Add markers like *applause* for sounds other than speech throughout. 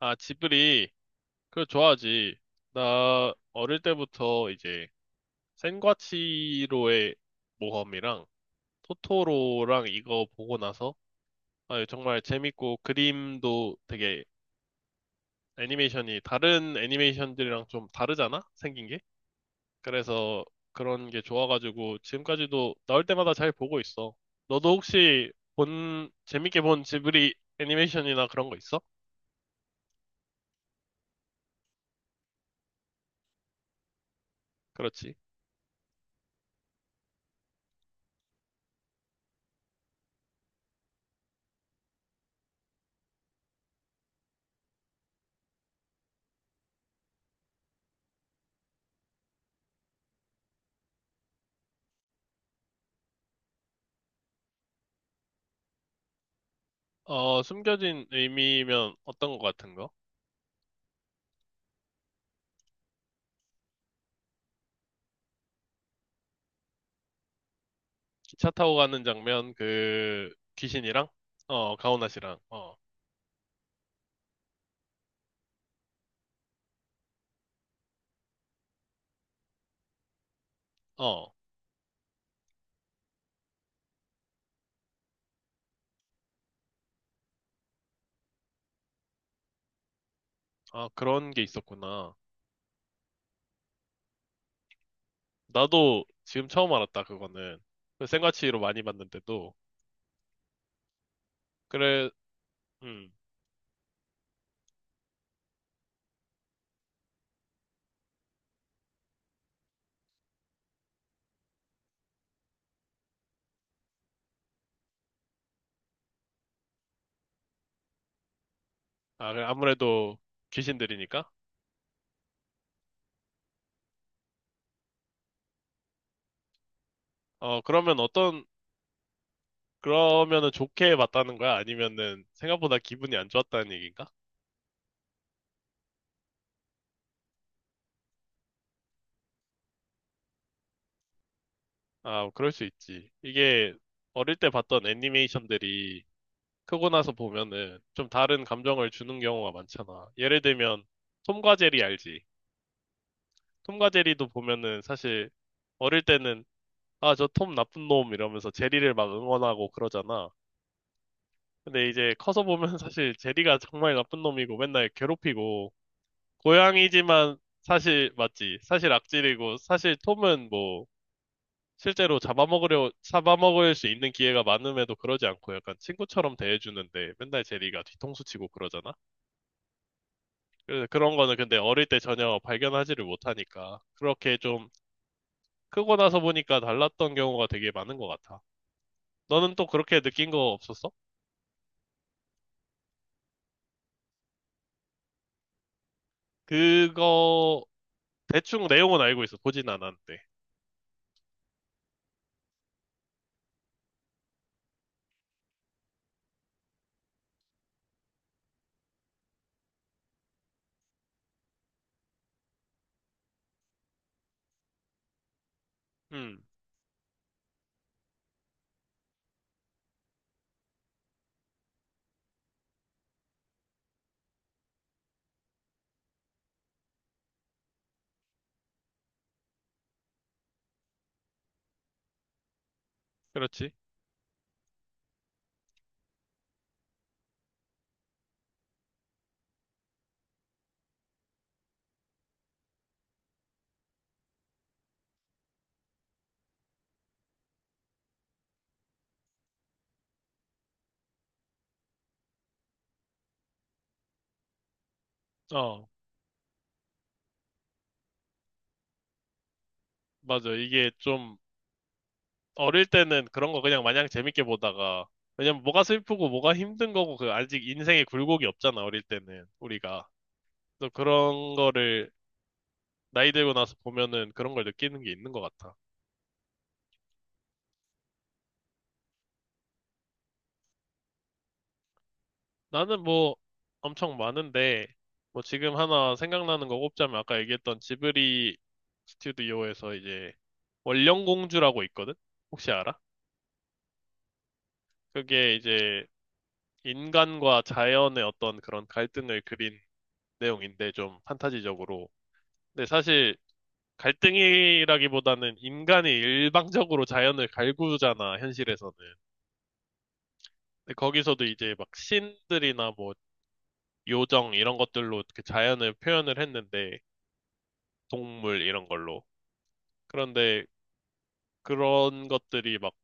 아, 지브리. 그거 좋아하지. 나 어릴 때부터 이제 센과치로의 모험이랑 토토로랑 이거 보고 나서 아, 정말 재밌고 그림도 되게 애니메이션이 다른 애니메이션들이랑 좀 다르잖아? 생긴 게? 그래서 그런 게 좋아가지고 지금까지도 나올 때마다 잘 보고 있어. 너도 혹시 재밌게 본 지브리 애니메이션이나 그런 거 있어? 그렇지. 어, 숨겨진 의미면 어떤 거 같은 거? 차 타고 가는 장면, 그, 귀신이랑, 어, 가오나 씨랑, 어, 어, 아, 그런 게 있었구나. 나도 지금 처음 알았다, 그거는. 그 생과치로 많이 봤는데도. 그래, 음, 아, 그래, 아무래도 귀신들이니까? 어, 그러면 어떤, 그러면은 좋게 봤다는 거야? 아니면은 생각보다 기분이 안 좋았다는 얘기인가? 아, 그럴 수 있지. 이게 어릴 때 봤던 애니메이션들이 크고 나서 보면은 좀 다른 감정을 주는 경우가 많잖아. 예를 들면 톰과 제리 알지? 톰과 제리도 보면은 사실 어릴 때는 아, 저 톰 나쁜 놈 이러면서 제리를 막 응원하고 그러잖아. 근데 이제 커서 보면 *laughs* 사실 제리가 정말 나쁜 놈이고 맨날 괴롭히고 고양이지만 사실 맞지? 사실 악질이고 사실 톰은 뭐 실제로 잡아먹으려 잡아먹을 수 있는 기회가 많음에도 그러지 않고 약간 친구처럼 대해주는데 맨날 제리가 뒤통수 치고 그러잖아. 그래서 그런 거는 근데 어릴 때 전혀 발견하지를 못하니까 그렇게 좀 크고 나서 보니까 달랐던 경우가 되게 많은 것 같아. 너는 또 그렇게 느낀 거 없었어? 그거 대충 내용은 알고 있어. 보진 않았는데. 음, 그렇지. 어, 맞아. 이게 좀 어릴 때는 그런 거 그냥 마냥 재밌게 보다가 왜냐면 뭐가 슬프고 뭐가 힘든 거고 그 아직 인생의 굴곡이 없잖아. 어릴 때는 우리가. 또 그런 거를 나이 들고 나서 보면은 그런 걸 느끼는 게 있는 것 같아. 나는 뭐 엄청 많은데, 뭐 지금 하나 생각나는 거 꼽자면 아까 얘기했던 지브리 스튜디오에서 이제 원령공주라고 있거든? 혹시 알아? 그게 이제 인간과 자연의 어떤 그런 갈등을 그린 내용인데 좀 판타지적으로. 근데 사실 갈등이라기보다는 인간이 일방적으로 자연을 갈구잖아, 현실에서는. 근데 거기서도 이제 막 신들이나 뭐 요정 이런 것들로 그 자연을 표현을 했는데 동물 이런 걸로. 그런데 그런 것들이 막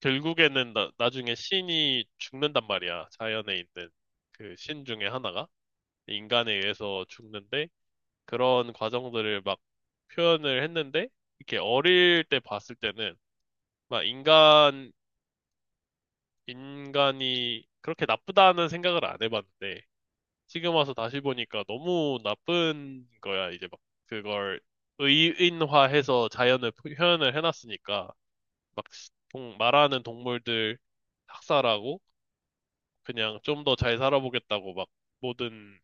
결국에는 나중에 신이 죽는단 말이야. 자연에 있는 그 신 중에 하나가 인간에 의해서 죽는데 그런 과정들을 막 표현을 했는데 이렇게 어릴 때 봤을 때는 막 인간이 그렇게 나쁘다는 생각을 안 해봤는데 지금 와서 다시 보니까 너무 나쁜 거야. 이제 막 그걸 의인화해서 자연을 표현을 해놨으니까. 막 말하는 동물들 학살하고 그냥 좀 더 잘 살아보겠다고 막 모든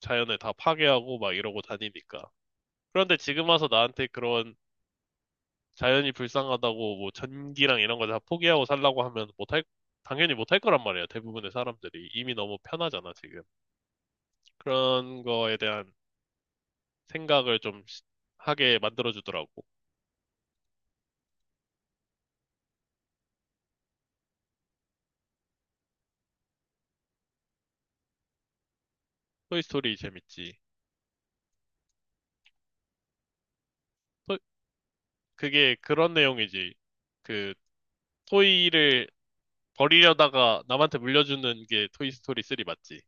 자연을 다 파괴하고 막 이러고 다니니까. 그런데 지금 와서 나한테 그런 자연이 불쌍하다고 뭐 전기랑 이런 걸 다 포기하고 살라고 하면 당연히 못할 거란 말이야. 대부분의 사람들이. 이미 너무 편하잖아, 지금. 그런 거에 대한 생각을 좀 하게 만들어주더라고. 토이스토리 재밌지. 토- 그게 그런 내용이지. 그, 토이를 버리려다가 남한테 물려주는 게 토이스토리 3 맞지?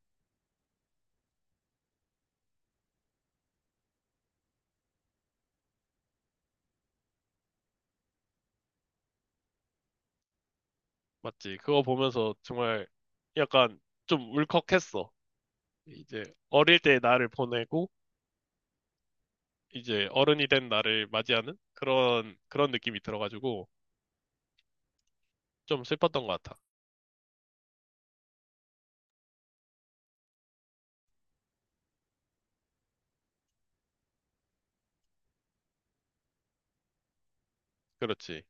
맞지? 그거 보면서 정말 약간 좀 울컥했어. 이제 어릴 때 나를 보내고 이제 어른이 된 나를 맞이하는 그런 그런 느낌이 들어가지고 좀 슬펐던 것 같아. 그렇지.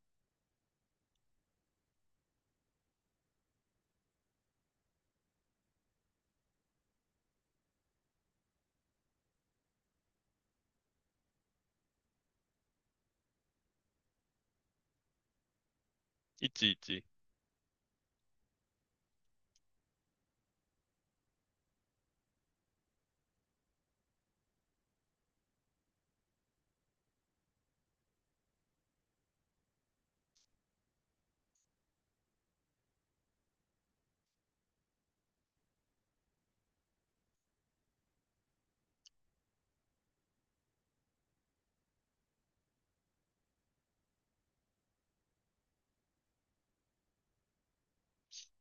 있지, 있지.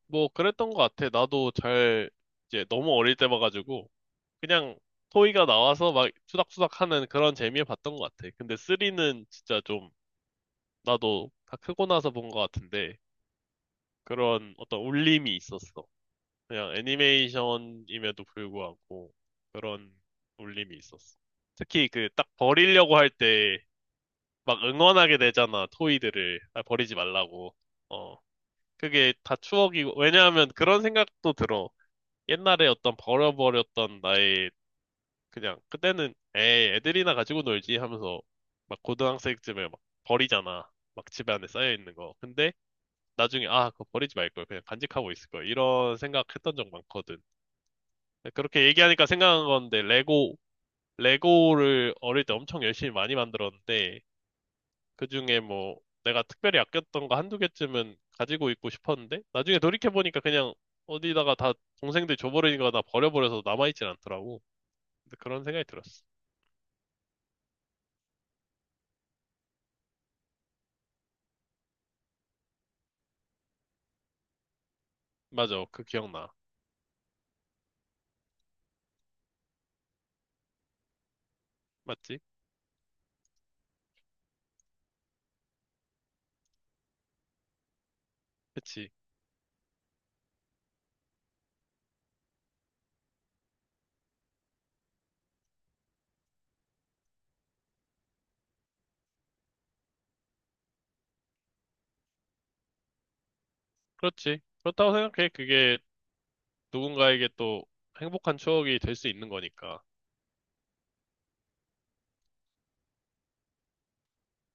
뭐 그랬던 것 같아. 나도 잘 이제 너무 어릴 때 봐가지고 그냥 토이가 나와서 막 투닥투닥 하는 그런 재미에 봤던 것 같아. 근데 3는 진짜 좀 나도 다 크고 나서 본 것 같은데 그런 어떤 울림이 있었어. 그냥 애니메이션임에도 불구하고 그런 울림이 있었어. 특히 그 딱 버리려고 할 때 막 응원하게 되잖아, 토이들을. 아, 버리지 말라고. 어. 그게 다 추억이고, 왜냐하면 그런 생각도 들어. 옛날에 어떤 버려버렸던 나의 그냥 그때는 에이, 애들이나 가지고 놀지 하면서 막 고등학생쯤에 막 버리잖아. 막 집에 안에 쌓여 있는 거. 근데 나중에 아 그거 버리지 말걸 그냥 간직하고 있을 걸 이런 생각했던 적 많거든. 그렇게 얘기하니까 생각난 건데 레고를 어릴 때 엄청 열심히 많이 만들었는데 그중에 뭐 내가 특별히 아꼈던 거 한두 개쯤은 가지고 있고 싶었는데 나중에 돌이켜 보니까 그냥 어디다가 다 동생들 줘버리니까 나 버려버려서 남아있진 않더라고. 근데 그런 생각이 들었어. 맞아, 그 기억나. 맞지? 그치? 그렇지. 그렇다고 생각해. 그게 누군가에게 또 행복한 추억이 될 수 있는 거니까.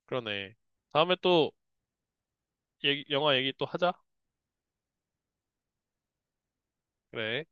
그러네. 다음에 또 영화 얘기 또 하자. 그래.